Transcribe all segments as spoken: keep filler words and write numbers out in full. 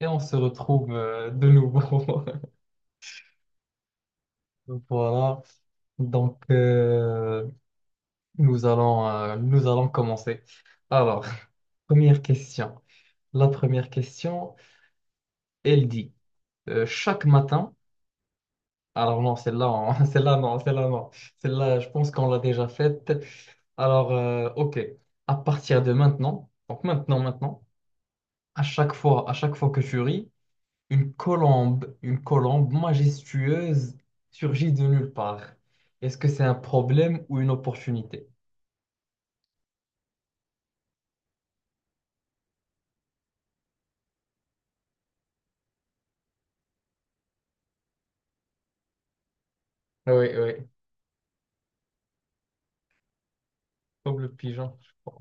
Et on se retrouve euh, de nouveau. Voilà. Donc, euh, nous allons, euh, nous allons commencer. Alors, première question. La première question, elle dit, euh, chaque matin, alors non, celle-là, on- celle-là, non, celle-là, non. Celle-là, je pense qu'on l'a déjà faite. Alors, euh, OK. À partir de maintenant, donc maintenant, maintenant, à chaque fois, à chaque fois que tu ris, une colombe, une colombe majestueuse surgit de nulle part. Est-ce que c'est un problème ou une opportunité? Oui, oui, comme le pigeon, je crois.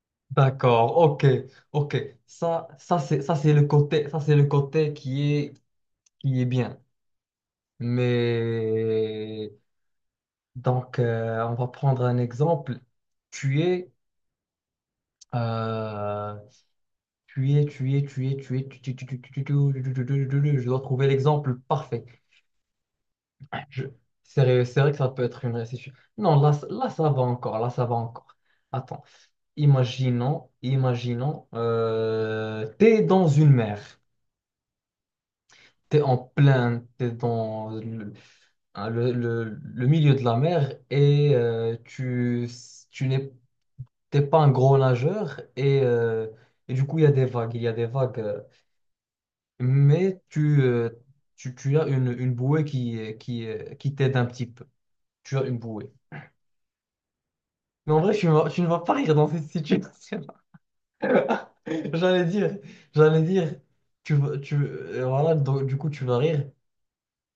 D'accord, ok, ok. Ça, ça c'est, ça c'est le côté, ça c'est le côté qui est, qui est bien. Mais donc, euh, on va prendre un exemple. Tu es, euh, Tu es, tu es, tu es, tu es, tu tu- tu- tu- tu- tu- tu- tu- tu- tu- tu- tu- tu- je dois trouver l'exemple parfait. Je- C'est vrai, c'est vrai que ça peut être une récession. Non, là, ça- là, ça va encore, là, ça va encore. Attends, imaginons, imaginons, euh, t'es dans une mer, t'es en plein, t'es dans le, hein, le- le- le milieu de la mer et euh, tu, tu n'es t'es pas un gros nageur et, euh, et du coup, il y a des vagues, il y a des vagues. euh, mais tu, euh, tu, tu as une, une bouée qui, euh, qui, euh, qui t'aide un petit peu. Tu as une bouée. Mais en vrai, tu, vas- tu ne vas pas rire dans cette situation. J'allais dire, j'allais dire, tu, vas- tu, euh, voilà, donc, du coup, tu vas rire.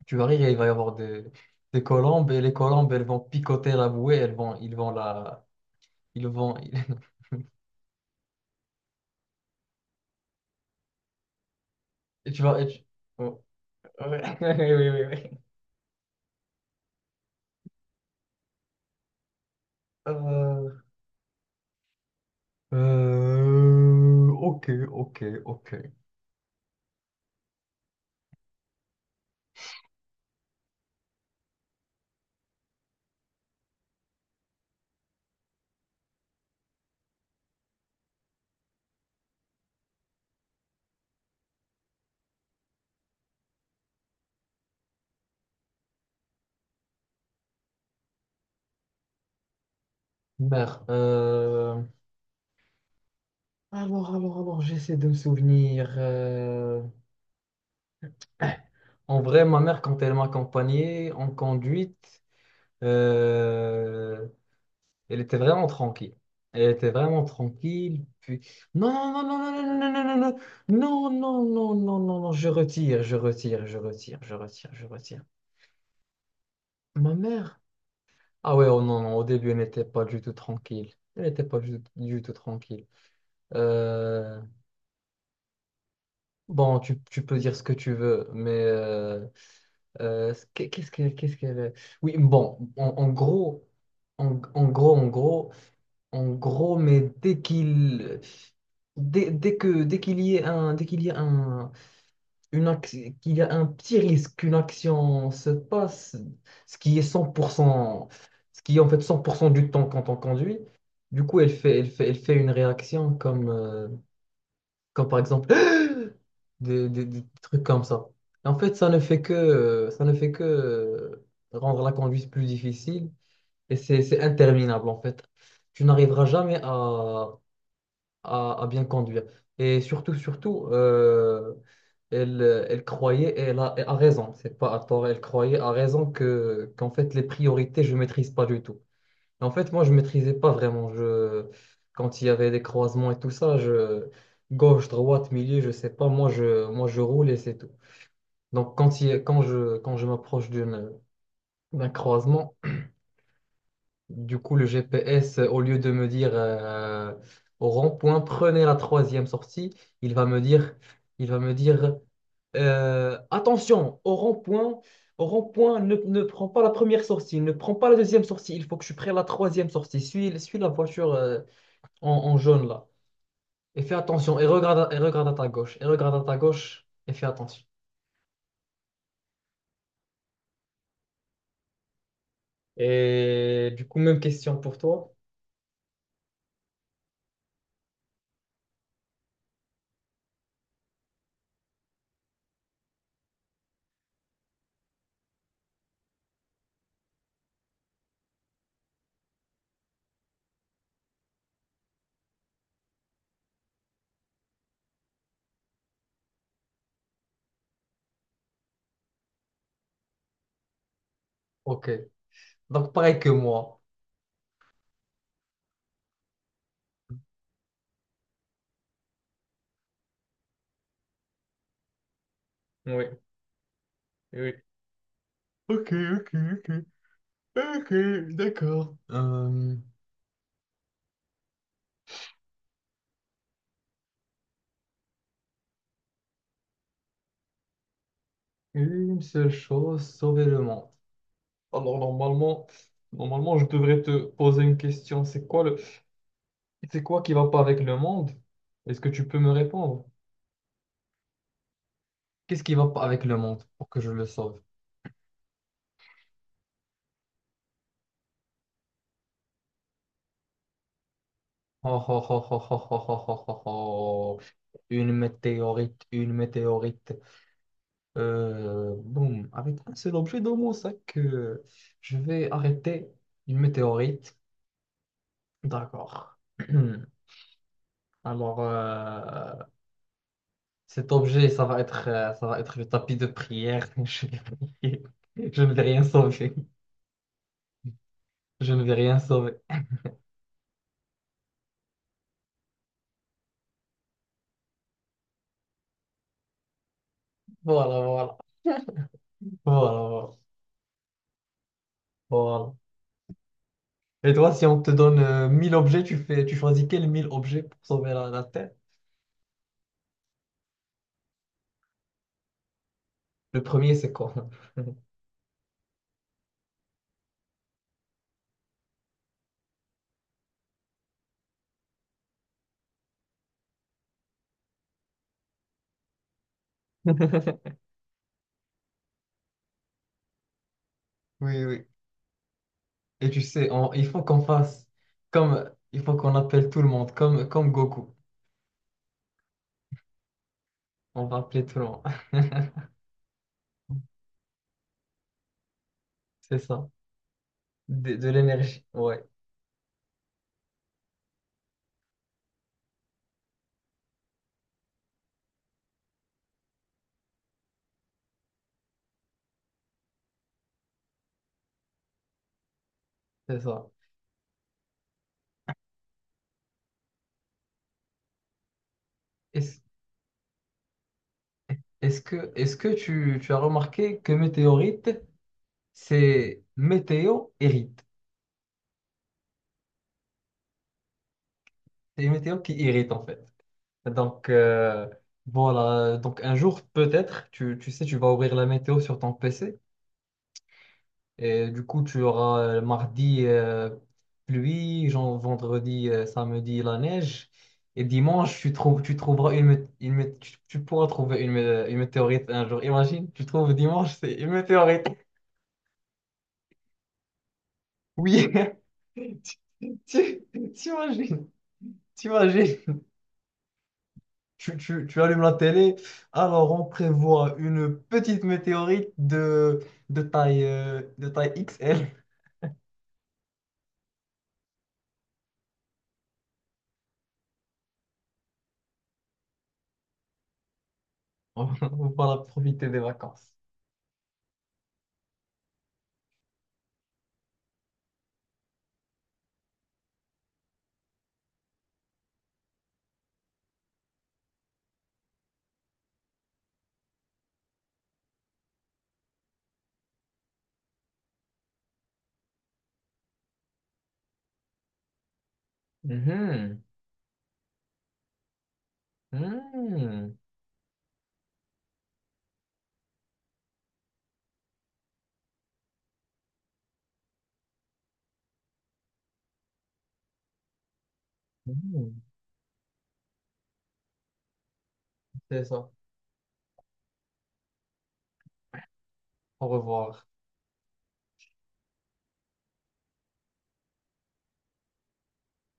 Tu vas rire et il va y avoir des, des colombes et les colombes, elles vont picoter la bouée, elles vont, ils vont la, ils vont, et tu vas, et tu- oh, ouais, oui, oui, oui, oui. Euh, euh, ok, ok, ok. Merde. euh, Alors, alors, alors, j'essaie de me souvenir. euh, En vrai, ma mère, quand elle m'accompagnait en conduite, euh, elle était vraiment tranquille. Elle était vraiment tranquille. Puis... Non, non, non, non, non, non, non, non, non, non, non, non, non, non, non, je retire, je retire, je retire, je retire, je retire. Ma mère? Ah ouais, oh non, non, au début, elle n'était pas du tout tranquille. Elle n'était pas du, du tout tranquille. Euh, Bon, tu, tu peux dire ce que tu veux, mais... euh, Euh, qu'est- qu'est-ce que, qu'est-ce que... Oui, bon, en, en gros, en, en gros, en gros, en gros, mais dès qu'il, dès, dès que, dès qu'il y ait un, dès qu'il y a un, une ac- qu'il y a un petit risque qu'une action se passe, ce qui est cent pour cent ce qui est en fait cent pour cent du temps quand on conduit, du coup, elle fait, elle fait, elle fait une réaction comme, euh, comme par exemple, des, des- des trucs comme ça. Et en fait, ça ne fait que, ça ne fait que euh, rendre la conduite plus difficile et c'est c'est interminable en fait. Tu n'arriveras jamais à, à, à bien conduire. Et surtout, surtout, euh, elle, elle croyait, et elle a, elle a raison, c'est pas à tort, elle croyait à raison que, qu'en fait, les priorités, je maîtrise pas du tout. En fait, moi, je maîtrisais pas vraiment. Je... Quand il y avait des croisements et tout ça, je... gauche, droite, milieu, je sais pas. Moi, je, moi, je roule et c'est tout. Donc, quand, il quand je, quand je m'approche d'une... d'un croisement, du coup, le G P S, au lieu de me dire euh, au rond-point, prenez la troisième sortie, il va me dire, il va me dire euh, attention, au rond-point. Au rond-point, ne, ne prends pas la première sortie, ne prends pas la deuxième sortie. Il faut que je prenne la troisième sortie. Suis, suis la voiture. euh, en, en jaune là. Et fais attention. Et regarde, à- et regarde à ta gauche. Et regarde à ta gauche. Et fais attention. Et du coup, même question pour toi. Ok. Donc, pareil que moi. Oui, oui. Ok, ok, ok. Ok, d'accord. Euh, une seule chose, sauver le monde. Alors, normalement, normalement, je devrais te poser une question. C'est quoi le, c'est quoi qui va pas avec le monde? Est-ce que tu peux me répondre? Qu'est-ce qui va pas avec le monde pour que je le sauve? Oh, oh, oh, oh, oh, oh, oh, oh, oh, oh. Une météorite, une météorite. Euh, boum, avec un seul objet dans mon sac, euh, je vais arrêter une météorite. D'accord. Alors, euh, cet objet, ça va être, euh, ça va être le tapis de prière. Je vais prier. Je ne vais rien sauver. Je ne vais rien sauver. Voilà, voilà, voilà, voilà, voilà. Et toi, si on te donne euh, mille objets, tu fais, tu choisis quels mille objets pour sauver la la Terre? Le premier, c'est quoi? Oui, oui. Et tu sais, on- il faut qu'on fasse comme, il faut qu'on appelle tout le monde, comme, comme Goku. On va appeler tout le monde. C'est ça. De, de l'énergie. Ouais, c'est ça. Est-ce, est-ce que, est-ce que tu, tu as remarqué que météorite, c'est météo hérite. C'est météo qui irrite en fait. Donc euh, voilà. Donc un jour, peut-être, tu, tu sais, tu vas ouvrir la météo sur ton P C. Et du coup, tu auras euh, mardi euh, pluie, genre vendredi, euh, samedi la neige. Et dimanche, tu trouves, tu trouveras une, mé- une mé- tu, tu pourras trouver une, mé- une météorite un jour. Imagine, tu trouves dimanche, c'est une météorite. Oui, Tu- tu- t'imagines, t'imagines. Tu, tu, tu allumes la télé, alors on prévoit une petite météorite de, de taille, euh, de taille X L. On va pouvoir profiter des vacances. Mhm. Hmm, hmm, c'est ça. Au revoir.